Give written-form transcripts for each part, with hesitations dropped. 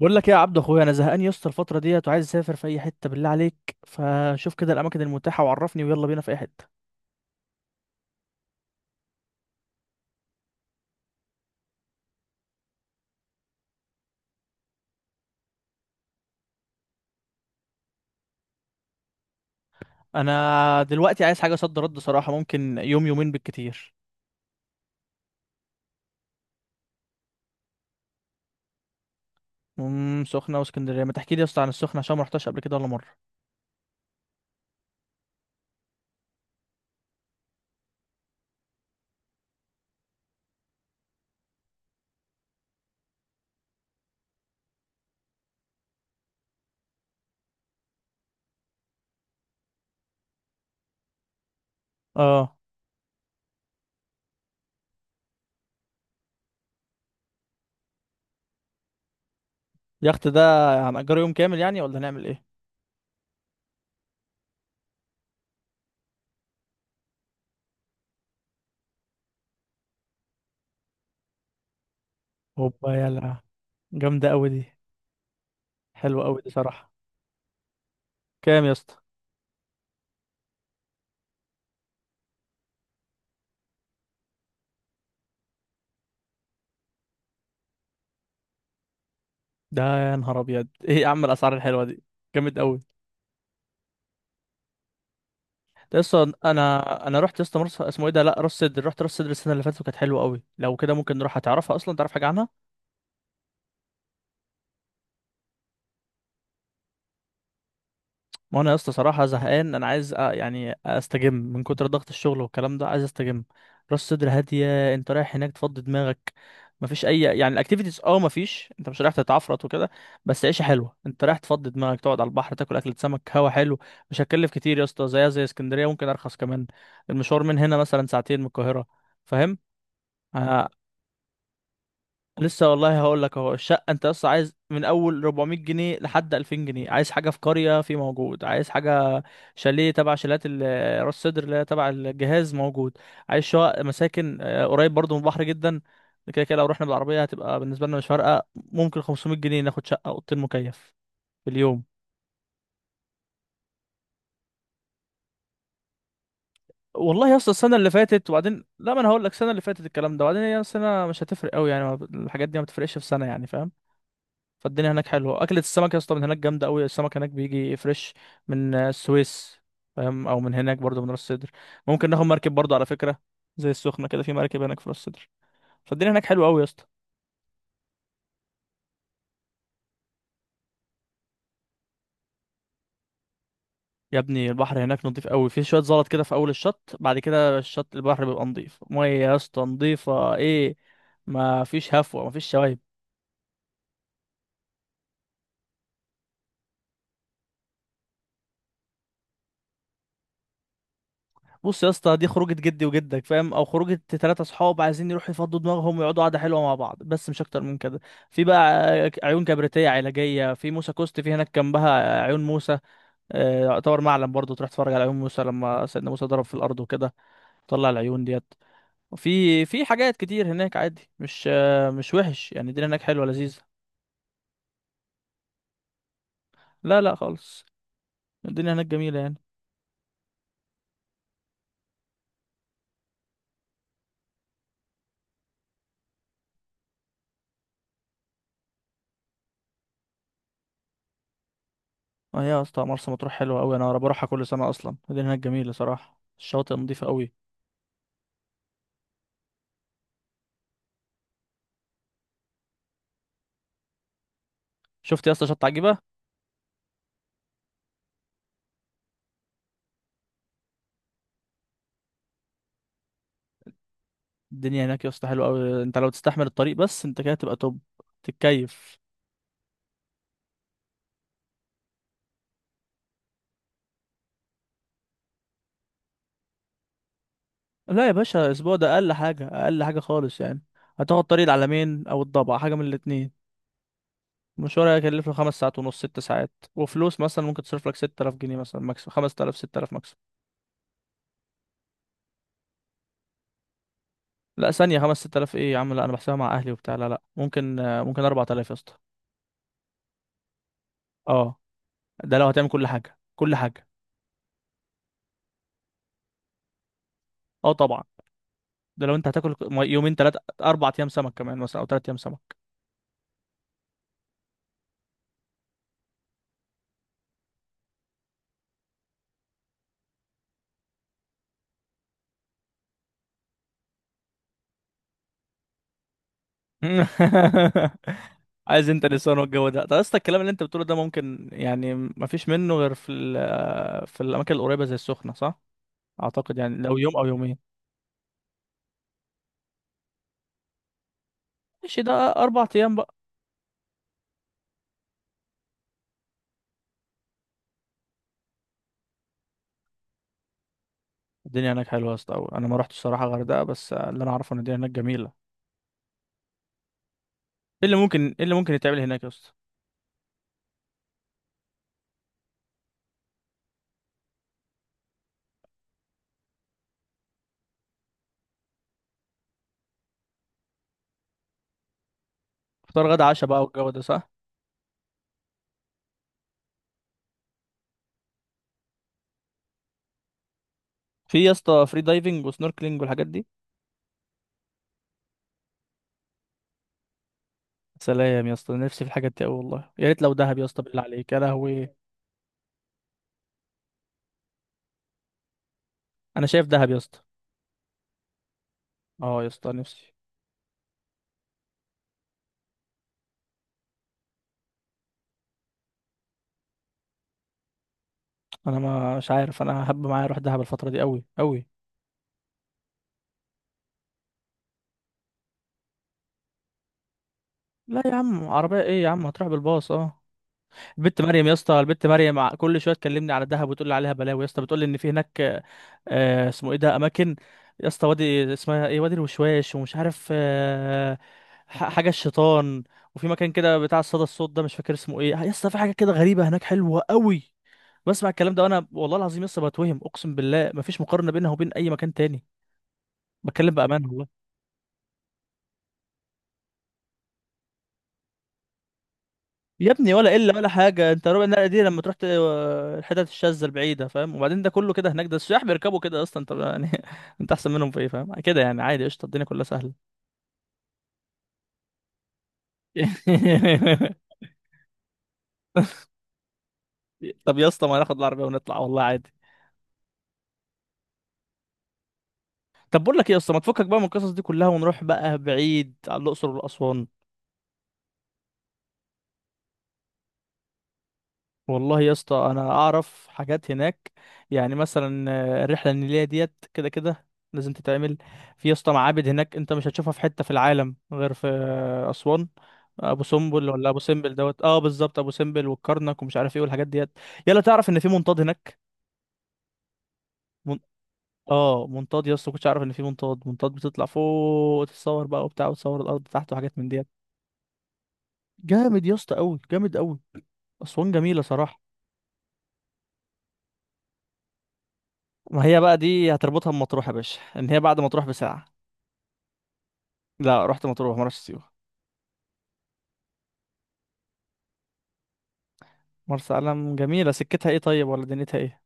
بقول لك ايه يا عبد اخويا، انا زهقان يا اسطى الفتره ديت وعايز اسافر في اي حته، بالله عليك فشوف كده الاماكن المتاحه وعرفني ويلا بينا في اي حته. انا دلوقتي عايز حاجه صد رد صراحه، ممكن يوم يومين بالكتير. سخنه واسكندريه، ما تحكي لي يا اسطى عن السخنه عشان ما رحتش قبل كده ولا مره. اه. يخت ده هنأجره يوم كامل يعني ولا هنعمل ايه؟ هوبا يلا، جامده قوي دي، حلوه قوي دي صراحه. كام يا اسطى؟ ده يا نهار ابيض، ايه يا عم الاسعار الحلوه دي، جامد قوي. لسه انا رحت لسه مرسى اسمه ايه ده، لا راس سدر، رحت راس سدر السنه اللي فاتت وكانت حلوه قوي، لو كده ممكن نروح، هتعرفها اصلا؟ تعرف حاجه عنها؟ ما انا لسه صراحه زهقان، انا عايز يعني استجم من كتر ضغط الشغل والكلام ده، عايز استجم. راس سدر هاديه، انت رايح هناك تفضي دماغك، مفيش اي يعني الاكتيفيتيز، اه مفيش، انت مش رايح تتعفرط وكده، بس عيشه حلوه، انت رايح تفضي دماغك، تقعد على البحر، تاكل اكله سمك، هوا حلو. مش هتكلف كتير يا اسطى، زيها زي اسكندريه، ممكن ارخص كمان. المشوار من هنا مثلا ساعتين من القاهره، فاهم؟ آه، لسه والله هقول لك اهو، الشقه انت بس عايز، من اول 400 جنيه لحد 2000 جنيه، عايز حاجه في قريه في موجود، عايز حاجه شاليه تبع شاليات راس سدر اللي هي تبع الجهاز موجود، عايز شقق مساكن قريب برضو من البحر جدا. كده كده لو رحنا بالعربيه هتبقى بالنسبه لنا مش فارقه، ممكن 500 جنيه ناخد شقه اوضتين مكيف في اليوم. والله يا اسطى السنه اللي فاتت، وبعدين لا، ما انا هقول لك السنه اللي فاتت الكلام ده، وبعدين هي السنه مش هتفرق قوي يعني، الحاجات دي ما بتفرقش في سنه يعني، فاهم؟ فالدنيا هناك حلوه، اكله السمك يا اسطى من هناك جامده قوي، السمك هناك بيجي فريش من السويس، فاهم؟ او من هناك برضه من راس سدر. ممكن ناخد مركب برضه على فكره، زي السخنه كده، في مركب هناك في راس سدر. فالدنيا هناك حلوه قوي يا اسطى. يا ابني البحر هناك نضيف قوي، في شويه زلط كده في اول الشط، بعد كده الشط البحر بيبقى نضيف، ميه يا اسطى نضيفه ايه، ما فيش هفوه، ما فيش شوايب. بص يا اسطى، دي خروجة جدي وجدك فاهم، او خروجة تلاتة صحاب عايزين يروحوا يفضوا دماغهم ويقعدوا قعدة حلوة مع بعض، بس مش اكتر من كده. في بقى عيون كبريتية علاجية في موسى كوست، في هناك جنبها عيون موسى، يعتبر معلم برضه، تروح تتفرج على عيون موسى لما سيدنا موسى ضرب في الارض وكده طلع العيون ديت. وفي حاجات كتير هناك عادي، مش مش وحش يعني، الدنيا هناك حلوة لذيذة. لا لا خالص. الدنيا هناك جميلة يعني. اه يا اسطى مرسى مطروح حلوة قوي، انا بروحها كل سنة اصلا، الدنيا هناك جميلة صراحة، الشواطئ نظيفة قوي. شفت يا اسطى شط عجيبة. الدنيا هناك يا اسطى حلوه قوي، انت لو تستحمل الطريق بس انت كده تبقى توب، تتكيف. لا يا باشا، اسبوع ده اقل حاجه، اقل حاجه خالص يعني. هتاخد طريق العلمين او الضبع، حاجه من الاتنين. المشوار هيكلف له خمس ساعات ونص ست ساعات، وفلوس مثلا ممكن تصرف لك 6000 جنيه مثلا، ماكس 5000 6000 ماكس. لا ثانيه، 5 6000 ايه يا عم، لا انا بحسبها مع اهلي وبتاع، لا لا ممكن ممكن 4000 يا اسطى. اه، ده لو هتعمل كل حاجه، كل حاجه. اه طبعا، ده لو انت هتاكل يومين ثلاثه اربع ايام سمك كمان مثلا، او ثلاث ايام سمك. عايز انت نسوان والجو ده، طب اصلا الكلام اللي انت بتقوله ده ممكن يعني ما فيش منه غير في في الاماكن القريبه زي السخنه، صح؟ اعتقد يعني لو يوم او يومين. ماشي، ده اربع ايام بقى. الدنيا هناك حلوه يا اسطى أوي. انا ما رحتش الصراحه غردقه، بس اللي انا اعرفه ان الدنيا هناك جميله. ايه اللي ممكن، ايه اللي ممكن يتعمل هناك يا اسطى؟ فطار غدا عشاء بقى والجو ده، صح؟ في يا اسطى فري دايفنج وسنوركلينج والحاجات دي؟ سلام يا اسطى، نفسي في الحاجات دي قوي، والله يا ريت لو دهب يا اسطى، بالله عليك يا لهوي. انا شايف دهب يا اسطى. اه يا اسطى نفسي. انا ما- مش عارف انا هب معايا اروح دهب الفتره دي قوي قوي. لا يا عم عربيه ايه يا عم، هتروح بالباص اه. البت مريم يا اسطى، البت مريم كل شويه تكلمني على دهب وتقول لي عليها بلاوي، يا اسطى بتقول لي ان في هناك اسمه ايه ده اماكن، يا اسطى وادي اسمها ايه، وادي الوشواش ومش عارف حاجه الشيطان، وفي مكان كده بتاع الصدى الصوت ده مش فاكر اسمه ايه يا اسطى، في حاجه كده غريبه هناك حلوه قوي. بسمع الكلام ده وانا والله العظيم لسه بتوهم، اقسم بالله مفيش مقارنه بينها وبين اي مكان تاني، بتكلم بامان. يا ابني ولا قله ولا حاجه، انت ربع النقله دي لما تروح الحتت الشاذه البعيده فاهم، وبعدين ده كله كده هناك، ده السياح بيركبوا كده اصلا، طب يعني انت احسن منهم في ايه فاهم، كده يعني عادي قشطه، الدنيا كلها سهله. طب يا اسطى ما ناخد العربيه ونطلع والله عادي. طب بقول لك ايه يا اسطى، ما تفكك بقى من القصص دي كلها ونروح بقى بعيد على الاقصر والاسوان. والله يا اسطى انا اعرف حاجات هناك، يعني مثلا الرحله النيليه ديت كده كده لازم تتعمل، في يا اسطى معابد هناك انت مش هتشوفها في حته في العالم غير في اسوان، ابو سمبل، ولا ابو سمبل دوت، اه بالظبط، ابو سمبل والكرنك ومش عارف ايه والحاجات ديت. يلا، تعرف ان في منطاد هناك؟ من... اه منطاد يا اسطى، كنتش اعرف ان في منطاد، منطاد بتطلع فوق تتصور بقى وبتاع وتصور الارض تحت وحاجات من ديت. جامد يا اسطى قوي، جامد قوي، اسوان جميله صراحه. ما هي بقى دي هتربطها بمطروح يا باشا، ان هي بعد مطروح بساعه. لا رحت مطروح، ما رحتش سيوه. مرسى علم جميله، سكتها ايه طيب ولا دنيتها ايه؟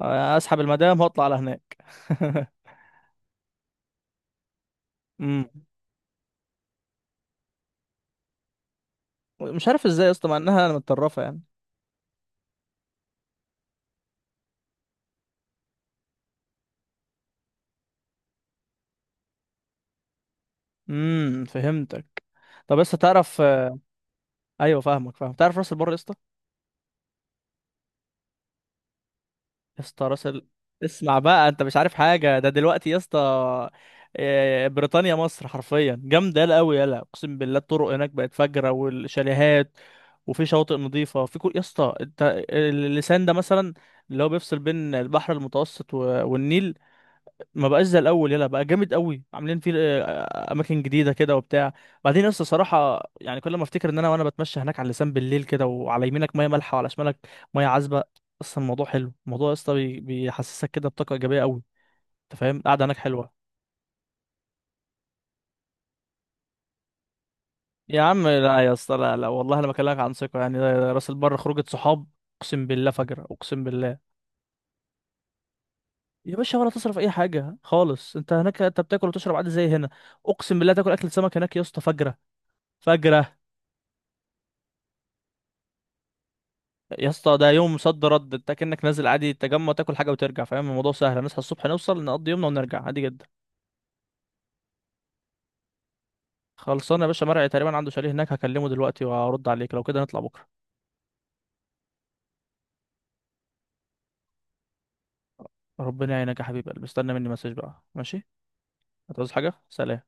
اسحب المدام واطلع على هناك. امم مش عارف ازاي يا اسطى مع انها متطرفه يعني. فهمتك. طب لسه تعرف ايوه فاهمك، فاهم تعرف راس البر يا اسطى؟ يا اسطى راس اسمع بقى، انت مش عارف حاجه ده دلوقتي يا اسطى. بريطانيا مصر حرفيا، جامده يلا قوي يلا، اقسم بالله الطرق هناك بقت فجره، والشاليهات وفي شواطئ نظيفه في كل، يا اسطى انت اللسان ده مثلا اللي هو بيفصل بين البحر المتوسط والنيل ما بقاش زي الاول، يلا بقى جامد قوي عاملين فيه اماكن جديده كده وبتاع. بعدين لسه صراحه يعني، كل ما افتكر ان انا، وانا بتمشى هناك على اللسان بالليل كده، وعلى يمينك ميه مالحه وعلى شمالك ميه عذبه، اصلا الموضوع حلو، الموضوع يا اسطى بيحسسك كده بطاقه ايجابيه قوي، انت فاهم، القعده هناك حلوه. يا عم لا يا اسطى، لا لا والله انا بكلمك عن ثقه يعني، راس البر خروجه صحاب، اقسم بالله فجر، اقسم بالله. يا باشا ولا تصرف اي حاجه خالص، انت هناك انت بتاكل وتشرب عادي زي هنا، اقسم بالله تاكل اكل سمك هناك يا اسطى فجره، فجره. يا اسطى ده يوم صد رد، انت كأنك نازل عادي تجمع تاكل حاجه وترجع، فاهم الموضوع سهل، نصحى الصبح نوصل نقضي يومنا ونرجع عادي جدا. خلصانه يا باشا، مرعي تقريبا عنده شاليه هناك، هكلمه دلوقتي وهرد عليك، لو كده نطلع بكره. ربنا يعينك يا حبيبي قلبي، استنى مني مسج بقى ماشي. هتعوز حاجه سلام.